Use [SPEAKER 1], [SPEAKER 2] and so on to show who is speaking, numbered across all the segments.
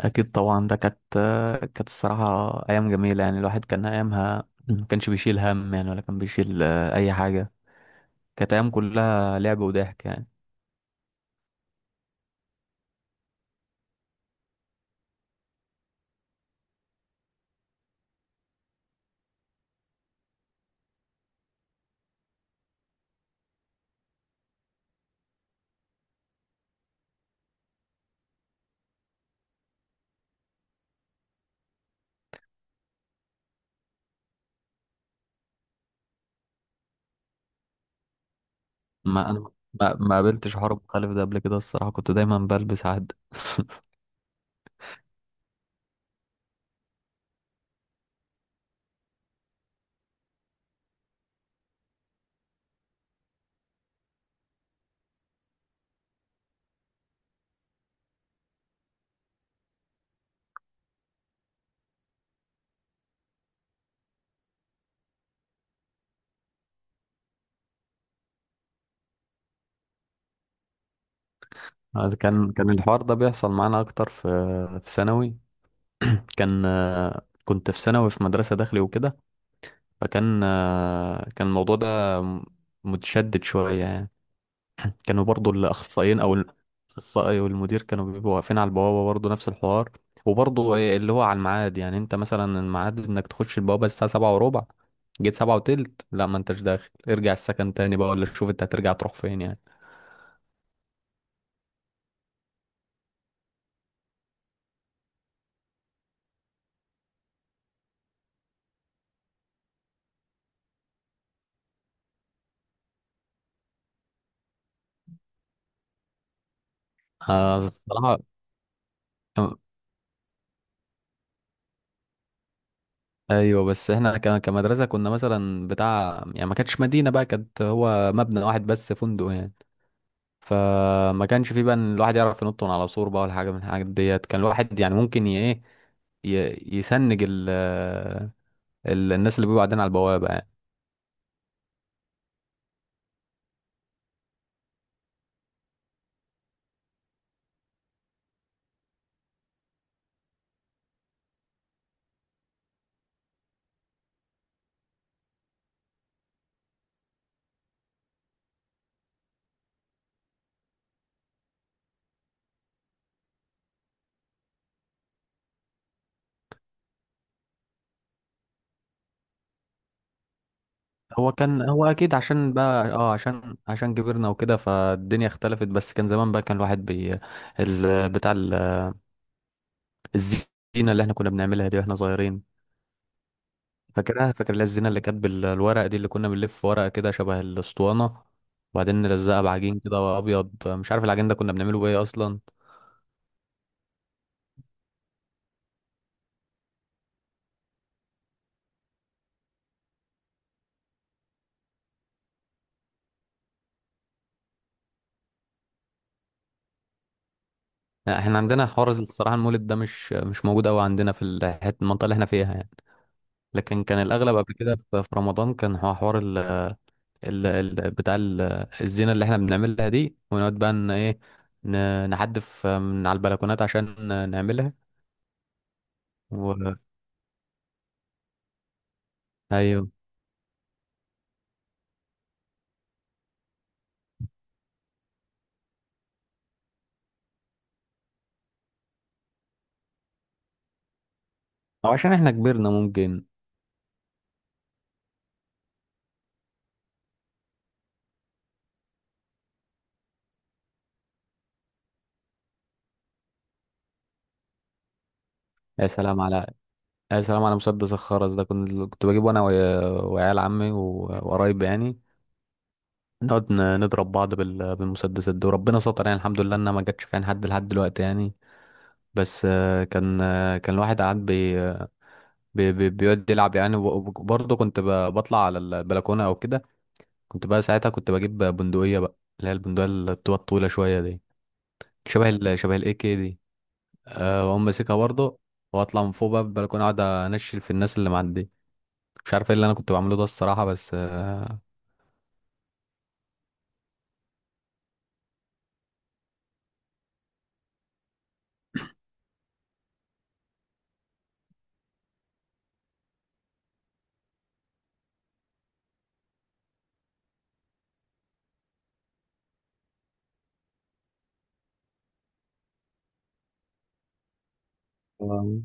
[SPEAKER 1] اكيد طبعا، ده كانت الصراحه ايام جميله يعني. الواحد كان ايامها ما كانش بيشيل هم يعني، ولا كان بيشيل اي حاجه. كانت ايام كلها لعب وضحك يعني. ما انا ما قابلتش حوار مخالف ده قبل كده الصراحه، كنت دايما بلبس عد. كان الحوار ده بيحصل معانا اكتر في ثانوي. كان آه، كنت في ثانوي في مدرسه داخلي وكده. فكان آه، كان الموضوع ده متشدد شويه يعني. كانوا برضو الاخصائيين او الاخصائي والمدير كانوا بيبقوا واقفين على البوابه، برضو نفس الحوار. وبرضو إيه اللي هو على الميعاد، يعني انت مثلا الميعاد انك تخش البوابه الساعه 7:15، جيت 7:20، لا ما انتش داخل، ارجع السكن تاني بقى، ولا شوف انت هترجع تروح فين يعني. الصراحه كان- ايوه بس احنا كمدرسه كنا مثلا بتاع يعني، ما كانتش مدينه بقى، كانت هو مبنى واحد بس، فندق يعني. فما كانش في بقى إن الواحد يعرف ينط من على سور بقى ولا حاجه من الحاجات ديت. كان الواحد يعني ممكن يسنج الناس اللي بيبقوا قاعدين على البوابه يعني. هو اكيد، عشان بقى عشان كبرنا وكده فالدنيا اختلفت. بس كان زمان بقى، كان الواحد بي ال بتاع ال- الزينه اللي احنا كنا بنعملها دي واحنا صغيرين. فاكر اللي هي الزينه اللي كانت بالورق دي، اللي كنا بنلف ورقه كده شبه الاسطوانه، وبعدين نلزقها بعجين كده ابيض. مش عارف العجين ده كنا بنعمله بايه اصلا. احنا عندنا حوار الصراحه، المولد ده مش موجود قوي عندنا في الحته المنطقه اللي احنا فيها يعني. لكن كان الاغلب قبل كده في رمضان كان هو حوار ال ال بتاع ال- الزينه اللي احنا بنعملها دي، ونقعد بقى ان ايه، نحدف من على البلكونات عشان نعملها. و... ايوه، او عشان احنا كبرنا ممكن. يا سلام على يا سلام على مسدس الخرز ده، كنت بجيبه انا ويا- وعيال عمي و- وقرايب يعني، نقعد نضرب بعض بالمسدسات دي. وربنا ستر يعني، الحمد لله انها ما جاتش في عين حد لحد دلوقتي يعني. بس كان الواحد قاعد بيقعد يلعب يعني، وبرضه كنت بطلع على البلكونة أو كده. كنت بقى ساعتها كنت بجيب بندقية بقى، اللي هي البندقية اللي بتبقى طويلة شوية دي، شبه الإي كي دي. وأقوم ماسكها برضه، وأطلع من فوق بقى البلكونة، أقعد أنشل في الناس اللي معدية. مش عارف إيه اللي أنا كنت بعمله ده الصراحة، بس. آه.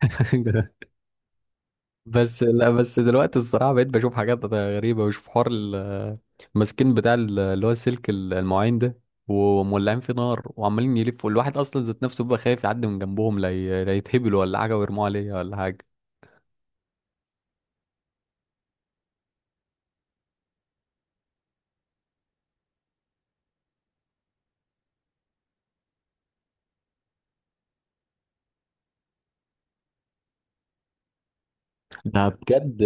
[SPEAKER 1] بس لا، بس دلوقتي الصراحه بقيت بشوف حاجات غريبه، بشوف حوار الماسكين بتاع اللي هو السلك المواعين ده، ومولعين فيه نار، وعمالين يلفوا. الواحد اصلا ذات نفسه بيبقى خايف يعدي من جنبهم، لا لا يتهبلوا ولا حاجه ويرموا عليه ولا حاجه. ده بجد،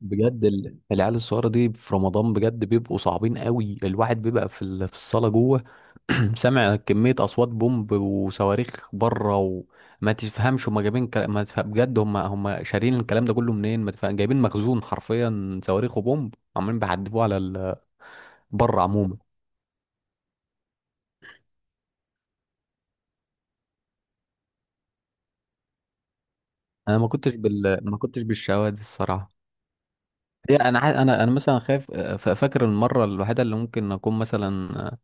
[SPEAKER 1] بجد العيال الصغيرة دي في رمضان بجد بيبقوا صعبين قوي. الواحد بيبقى في في الصالة جوه، سامع كمية أصوات بومب وصواريخ بره. وما تفهمش هما جايبين ما تفهم بجد، هما شارين الكلام ده كله منين. ما تفهم جايبين مخزون حرفيا، صواريخ وبومب عمالين بيحدفوه على بره عموما. أنا ما كنتش بالشواذ الصراحة. هي انا ع- انا انا مثلا خايف. فاكر المره الوحيده اللي ممكن اكون مثلا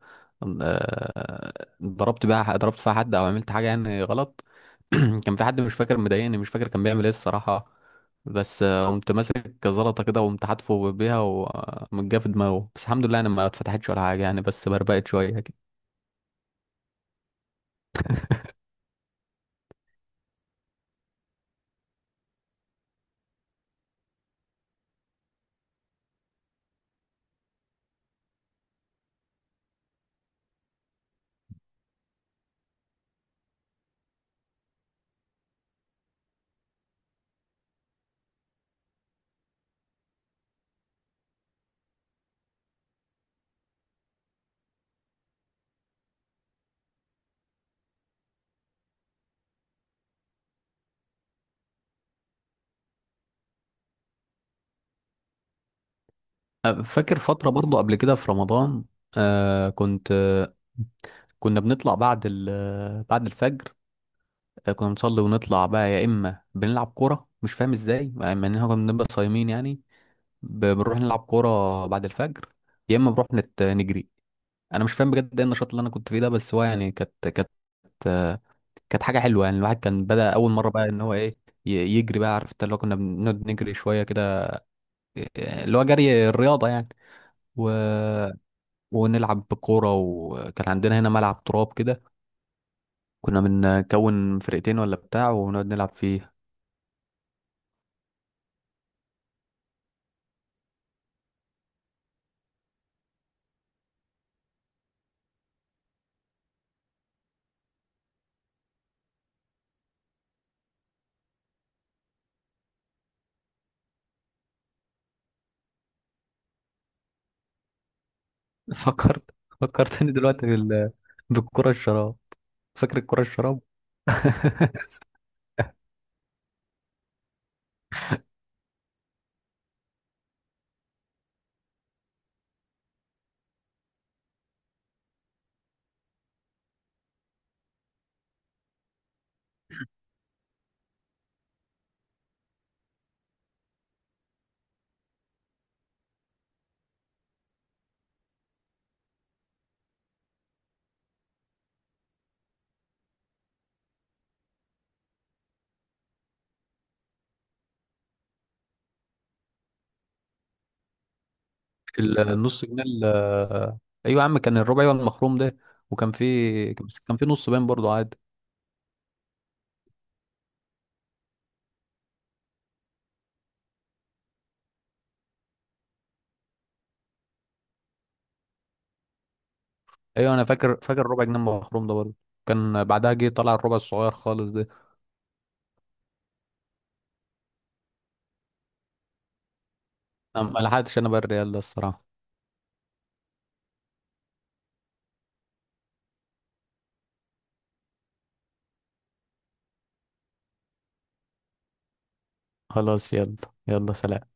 [SPEAKER 1] آه، ضربت فيها حد او عملت حاجه يعني غلط. كان في حد مش فاكر مضايقني، مش فاكر كان بيعمل ايه الصراحه، بس قمت ماسك زلطه كده، وقمت حاتفه بيها ومجاه في دماغه. بس الحمد لله انا ما اتفتحتش ولا حاجه يعني، بس بربقت شويه كده. فاكر فتره برضو قبل كده في رمضان. آه، كنت آه، كنا بنطلع بعد بعد الفجر. فكنا بنصلي ونطلع بقى، يا اما بنلعب كوره مش فاهم ازاي، مع ان احنا كنا بنبقى صايمين يعني. بنروح نلعب كوره بعد الفجر، يا اما بنروح نجري. انا مش فاهم بجد ايه النشاط اللي انا كنت فيه ده، بس هو يعني كانت حاجه حلوه يعني. الواحد كان بدأ اول مره بقى ان هو ايه، يجري بقى، عرفت اللي هو كنا بنقعد نجري شويه كده، اللي هو جري الرياضه يعني. و... ونلعب كوره، وكان عندنا هنا ملعب تراب كده، كنا بنكون فرقتين ولا بتاع، ونقعد نلعب فيه. فكرت فكرتني دلوقتي بالكرة الشراب. فاكر الكرة الشراب؟ النص جنيه ايوه يا عم، كان الربع، ايوه المخروم ده. وكان في، بس كان في نص باين برضه عادي. ايوه انا فاكر الربع جنيه المخروم ده برضه. كان بعدها جه طلع الربع الصغير خالص ده. أنا ما لحقتش انا بقى الريال ده الصراحة. خلاص يلا. يلا سلام.